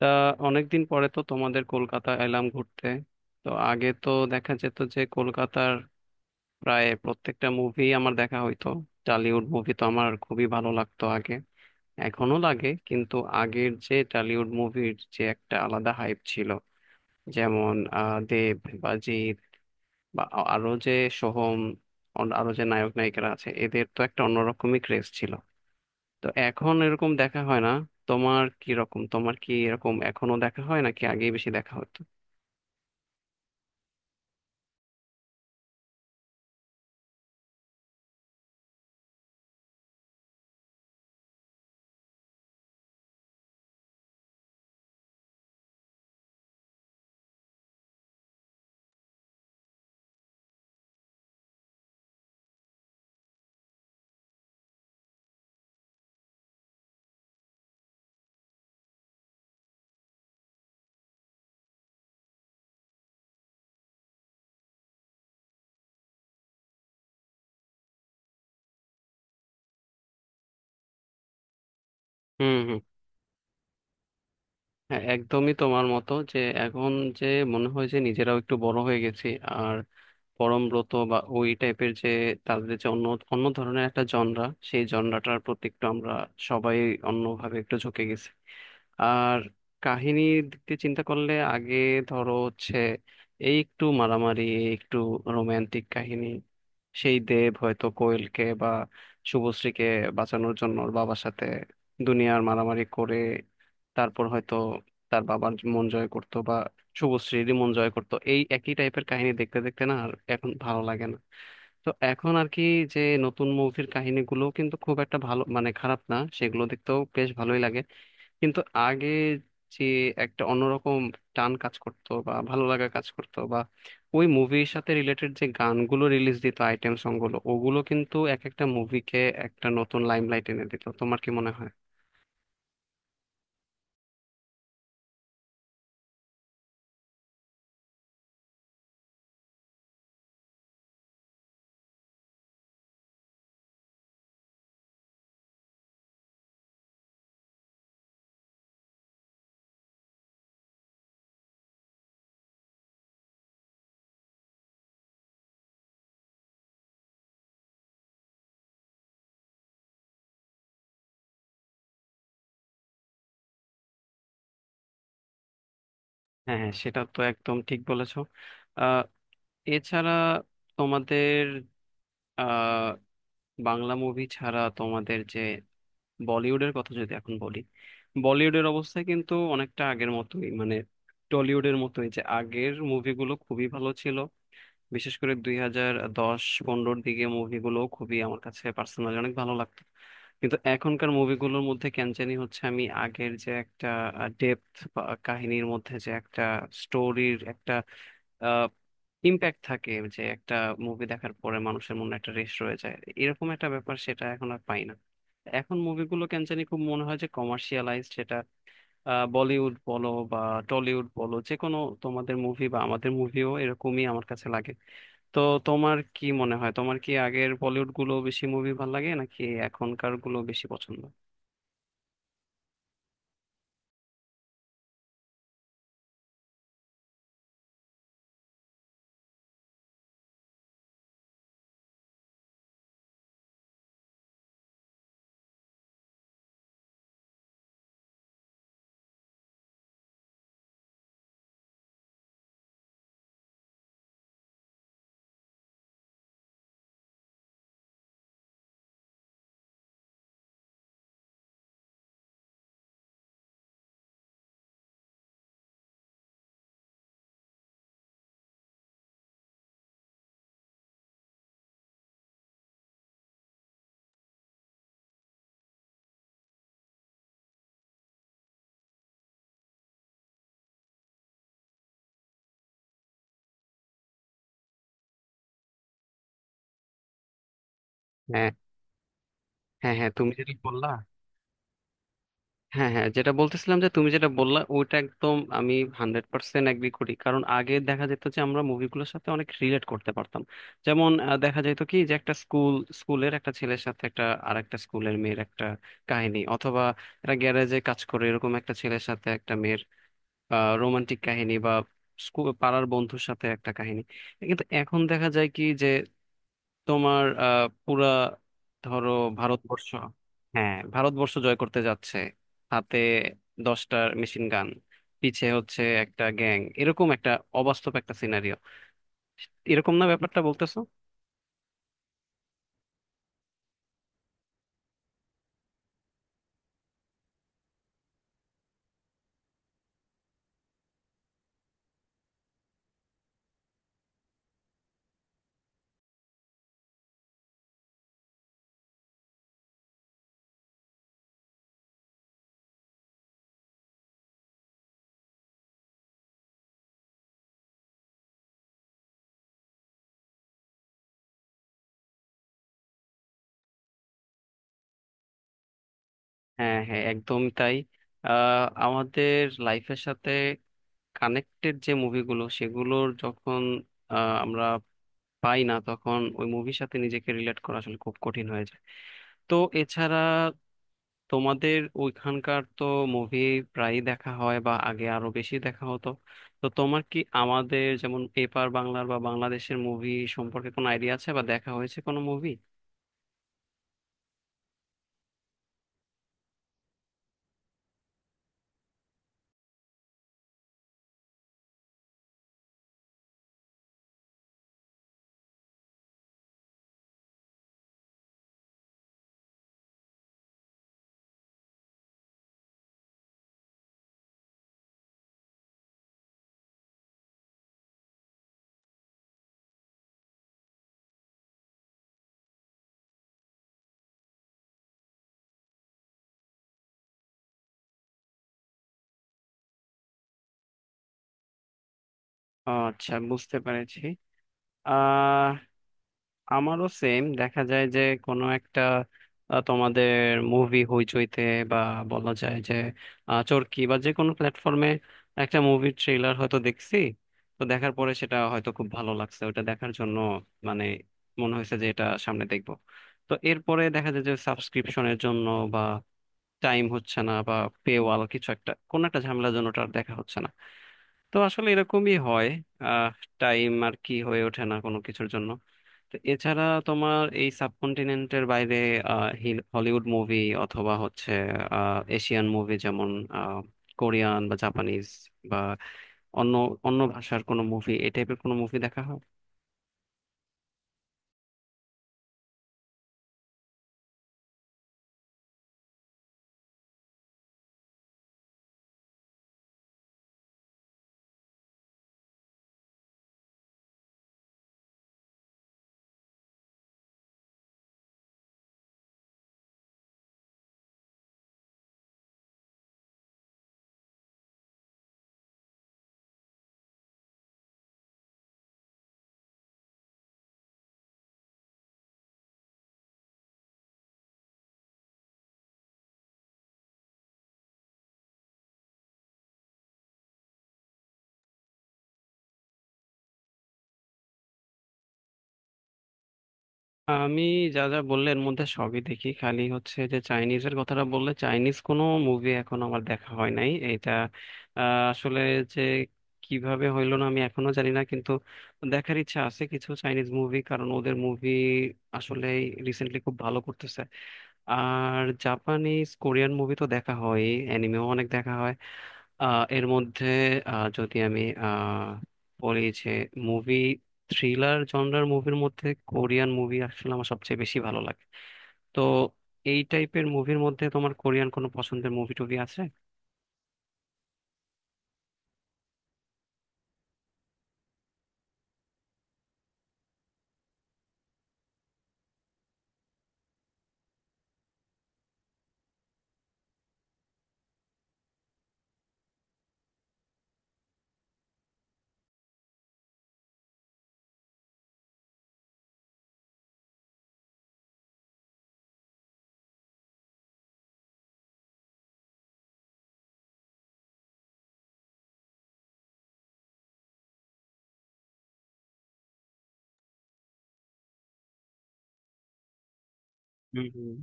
তা অনেকদিন পরে তো তোমাদের কলকাতা এলাম ঘুরতে। তো আগে তো দেখা যেত যে কলকাতার প্রায় প্রত্যেকটা মুভি আমার দেখা হইতো। টলিউড মুভি তো আমার খুবই ভালো লাগতো আগে, এখনো লাগে, কিন্তু আগের যে টলিউড মুভির যে একটা আলাদা হাইপ ছিল, যেমন দেব বা জিৎ বা আরো যে সোহম, আরো যে নায়ক নায়িকারা আছে, এদের তো একটা অন্যরকমই ক্রেজ ছিল। তো এখন এরকম দেখা হয় না। তোমার কি রকম, তোমার কি এরকম এখনো দেখা হয় নাকি আগেই বেশি দেখা হতো? হুম হুম। হ্যাঁ একদমই তোমার মতো যে এখন যে মনে হয় যে নিজেরাও একটু বড় হয়ে গেছি। আর পরমব্রত বা ওই টাইপের যে তাদের যে অন্য অন্য ধরনের একটা জনরা, সেই জনরাটার প্রতি একটু আমরা সবাই অন্যভাবে একটু ঝুঁকে গেছি। আর কাহিনীর দিক দিয়ে চিন্তা করলে আগে ধরো হচ্ছে এই একটু মারামারি, এই একটু রোমান্টিক কাহিনী, সেই দেব হয়তো কোয়েলকে বা শুভশ্রীকে বাঁচানোর জন্য ওর বাবার সাথে দুনিয়ার মারামারি করে, তারপর হয়তো তার বাবার মন জয় করতো বা শুভশ্রীরই মন জয় করতো, এই একই টাইপের কাহিনী দেখতে দেখতে না আর এখন ভালো লাগে না। তো এখন আর কি, যে নতুন মুভির কাহিনীগুলো কিন্তু খুব একটা ভালো, মানে খারাপ না, সেগুলো দেখতেও বেশ ভালোই লাগে, কিন্তু আগে যে একটা অন্যরকম টান কাজ করতো বা ভালো লাগা কাজ করতো, বা ওই মুভির সাথে রিলেটেড যে গানগুলো রিলিজ দিত, আইটেম সংগুলো, ওগুলো কিন্তু এক একটা মুভিকে একটা নতুন লাইমলাইট এনে দিত। তোমার কি মনে হয়? হ্যাঁ হ্যাঁ, সেটা তো একদম ঠিক বলেছো। আহ এছাড়া তোমাদের, আহ বাংলা মুভি ছাড়া তোমাদের যে বলিউডের কথা যদি এখন বলি, বলিউডের অবস্থা কিন্তু অনেকটা আগের মতোই, মানে টলিউডের মতোই, যে আগের মুভিগুলো খুবই ভালো ছিল, বিশেষ করে 2010-15-র দিকে মুভিগুলো খুবই আমার কাছে পার্সোনালি অনেক ভালো লাগতো। কিন্তু এখনকার মুভিগুলোর মধ্যে কেন জানি হচ্ছে আমি আগের যে একটা ডেপথ, কাহিনীর মধ্যে যে একটা স্টোরির একটা ইম্প্যাক্ট থাকে, যে একটা মুভি দেখার পরে মানুষের মনে একটা রেশ রয়ে যায়, এরকম একটা ব্যাপার, সেটা এখন আর পাই না। এখন মুভিগুলো কেন জানি খুব মনে হয় যে কমার্শিয়ালাইজড, সেটা বলিউড বলো বা টলিউড বলো, যে কোনো তোমাদের মুভি বা আমাদের মুভিও এরকমই আমার কাছে লাগে। তো তোমার কি মনে হয়, তোমার কি আগের বলিউড গুলো বেশি মুভি ভালো লাগে নাকি এখনকার গুলো বেশি পছন্দ? হ্যাঁ হ্যাঁ হ্যাঁ, তুমি যেটা বললা, হ্যাঁ হ্যাঁ, যেটা বলতেছিলাম যে তুমি যেটা বললা ওইটা একদম আমি হান্ড্রেড পার্সেন্ট এগ্রি করি। কারণ আগে দেখা যেত যে আমরা মুভিগুলোর সাথে অনেক রিলেট করতে পারতাম, যেমন দেখা যেত কি যে একটা স্কুল, স্কুলের একটা ছেলের সাথে একটা আরেকটা স্কুলের মেয়ের একটা কাহিনী, অথবা একটা গ্যারেজে কাজ করে এরকম একটা ছেলের সাথে একটা মেয়ের রোমান্টিক কাহিনী, বা স্কুল পাড়ার বন্ধুর সাথে একটা কাহিনী। কিন্তু এখন দেখা যায় কি, তোমার পুরা ধরো ভারতবর্ষ, হ্যাঁ ভারতবর্ষ জয় করতে যাচ্ছে, হাতে 10টার মেশিন গান, পিছে হচ্ছে একটা গ্যাং, এরকম একটা অবাস্তব একটা সিনারিও, এরকম না ব্যাপারটা বলতেছো? হ্যাঁ হ্যাঁ একদম তাই। আমাদের লাইফের সাথে কানেক্টেড যে মুভিগুলো, সেগুলোর যখন আমরা পাই না, তখন ওই মুভির সাথে নিজেকে রিলেট করা আসলে খুব কঠিন হয়ে যায়। তো এছাড়া তোমাদের ওইখানকার তো মুভি প্রায়ই দেখা হয় বা আগে আরো বেশি দেখা হতো, তো তোমার কি আমাদের যেমন এপার বাংলার বা বাংলাদেশের মুভি সম্পর্কে কোনো আইডিয়া আছে বা দেখা হয়েছে কোনো মুভি? আচ্ছা, বুঝতে পেরেছি। আহ আমারও সেম দেখা যায় যে কোনো একটা তোমাদের মুভি হইচইতে বা বলা যায় যে চরকি বা যে কোনো প্ল্যাটফর্মে একটা মুভির ট্রেলার হয়তো দেখছি, তো দেখার পরে সেটা হয়তো খুব ভালো লাগছে ওটা দেখার জন্য, মানে মনে হয়েছে যে এটা সামনে দেখবো। তো এরপরে দেখা যায় যে সাবস্ক্রিপশনের জন্য বা টাইম হচ্ছে না বা পেওয়াল, কিছু একটা কোনো একটা ঝামেলার জন্য ওটা আর দেখা হচ্ছে না। তো আসলে এরকমই হয়, আহ টাইম আর কি হয়ে ওঠে না কোনো কিছুর জন্য। তো এছাড়া তোমার এই সাবকন্টিনেন্টের বাইরে হলিউড মুভি অথবা হচ্ছে এশিয়ান মুভি যেমন আহ, কোরিয়ান বা জাপানিজ বা অন্য অন্য ভাষার কোনো মুভি, এই টাইপের কোনো মুভি দেখা হয়? আমি যা যা বললে এর মধ্যে সবই দেখি, খালি হচ্ছে যে চাইনিজের কথাটা বললে, চাইনিজ কোনো মুভি এখন আমার দেখা হয় নাই, এটা আসলে যে কিভাবে হইলো না আমি এখনো জানি না, কিন্তু দেখার ইচ্ছা আছে কিছু চাইনিজ মুভি, কারণ ওদের মুভি আসলে রিসেন্টলি খুব ভালো করতেছে। আর জাপানিজ কোরিয়ান মুভি তো দেখা হয়, অ্যানিমেও অনেক দেখা হয়। এর মধ্যে আহ, যদি আমি আহ, বলি যে মুভি, থ্রিলার জনরার মুভির মধ্যে কোরিয়ান মুভি আসলে আমার সবচেয়ে বেশি ভালো লাগে। তো এই টাইপের মুভির মধ্যে তোমার কোরিয়ান কোনো পছন্দের মুভি টুভি আছে? হুম হুম।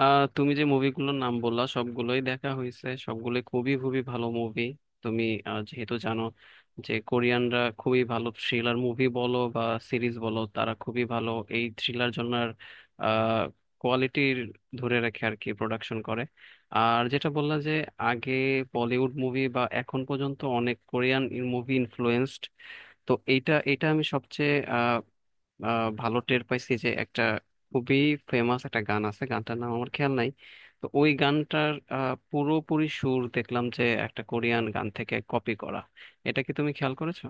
আহ, তুমি যে মুভিগুলোর নাম বললা সবগুলোই দেখা হয়েছে, সবগুলোই খুবই খুবই ভালো মুভি। তুমি যেহেতু জানো যে কোরিয়ানরা খুবই ভালো, থ্রিলার মুভি বলো বা সিরিজ বলো, তারা খুবই ভালো এই থ্রিলার জনার কোয়ালিটির ধরে রাখে আর কি, প্রোডাকশন করে। আর যেটা বললা যে আগে বলিউড মুভি বা এখন পর্যন্ত অনেক কোরিয়ান মুভি ইনফ্লুয়েন্সড, তো এইটা, এটা আমি সবচেয়ে ভালো টের পাইছি যে একটা খুবই ফেমাস একটা গান আছে, গানটার নাম আমার খেয়াল নাই, তো ওই গানটার পুরোপুরি সুর দেখলাম যে একটা কোরিয়ান গান থেকে কপি করা। এটা কি তুমি খেয়াল করেছো?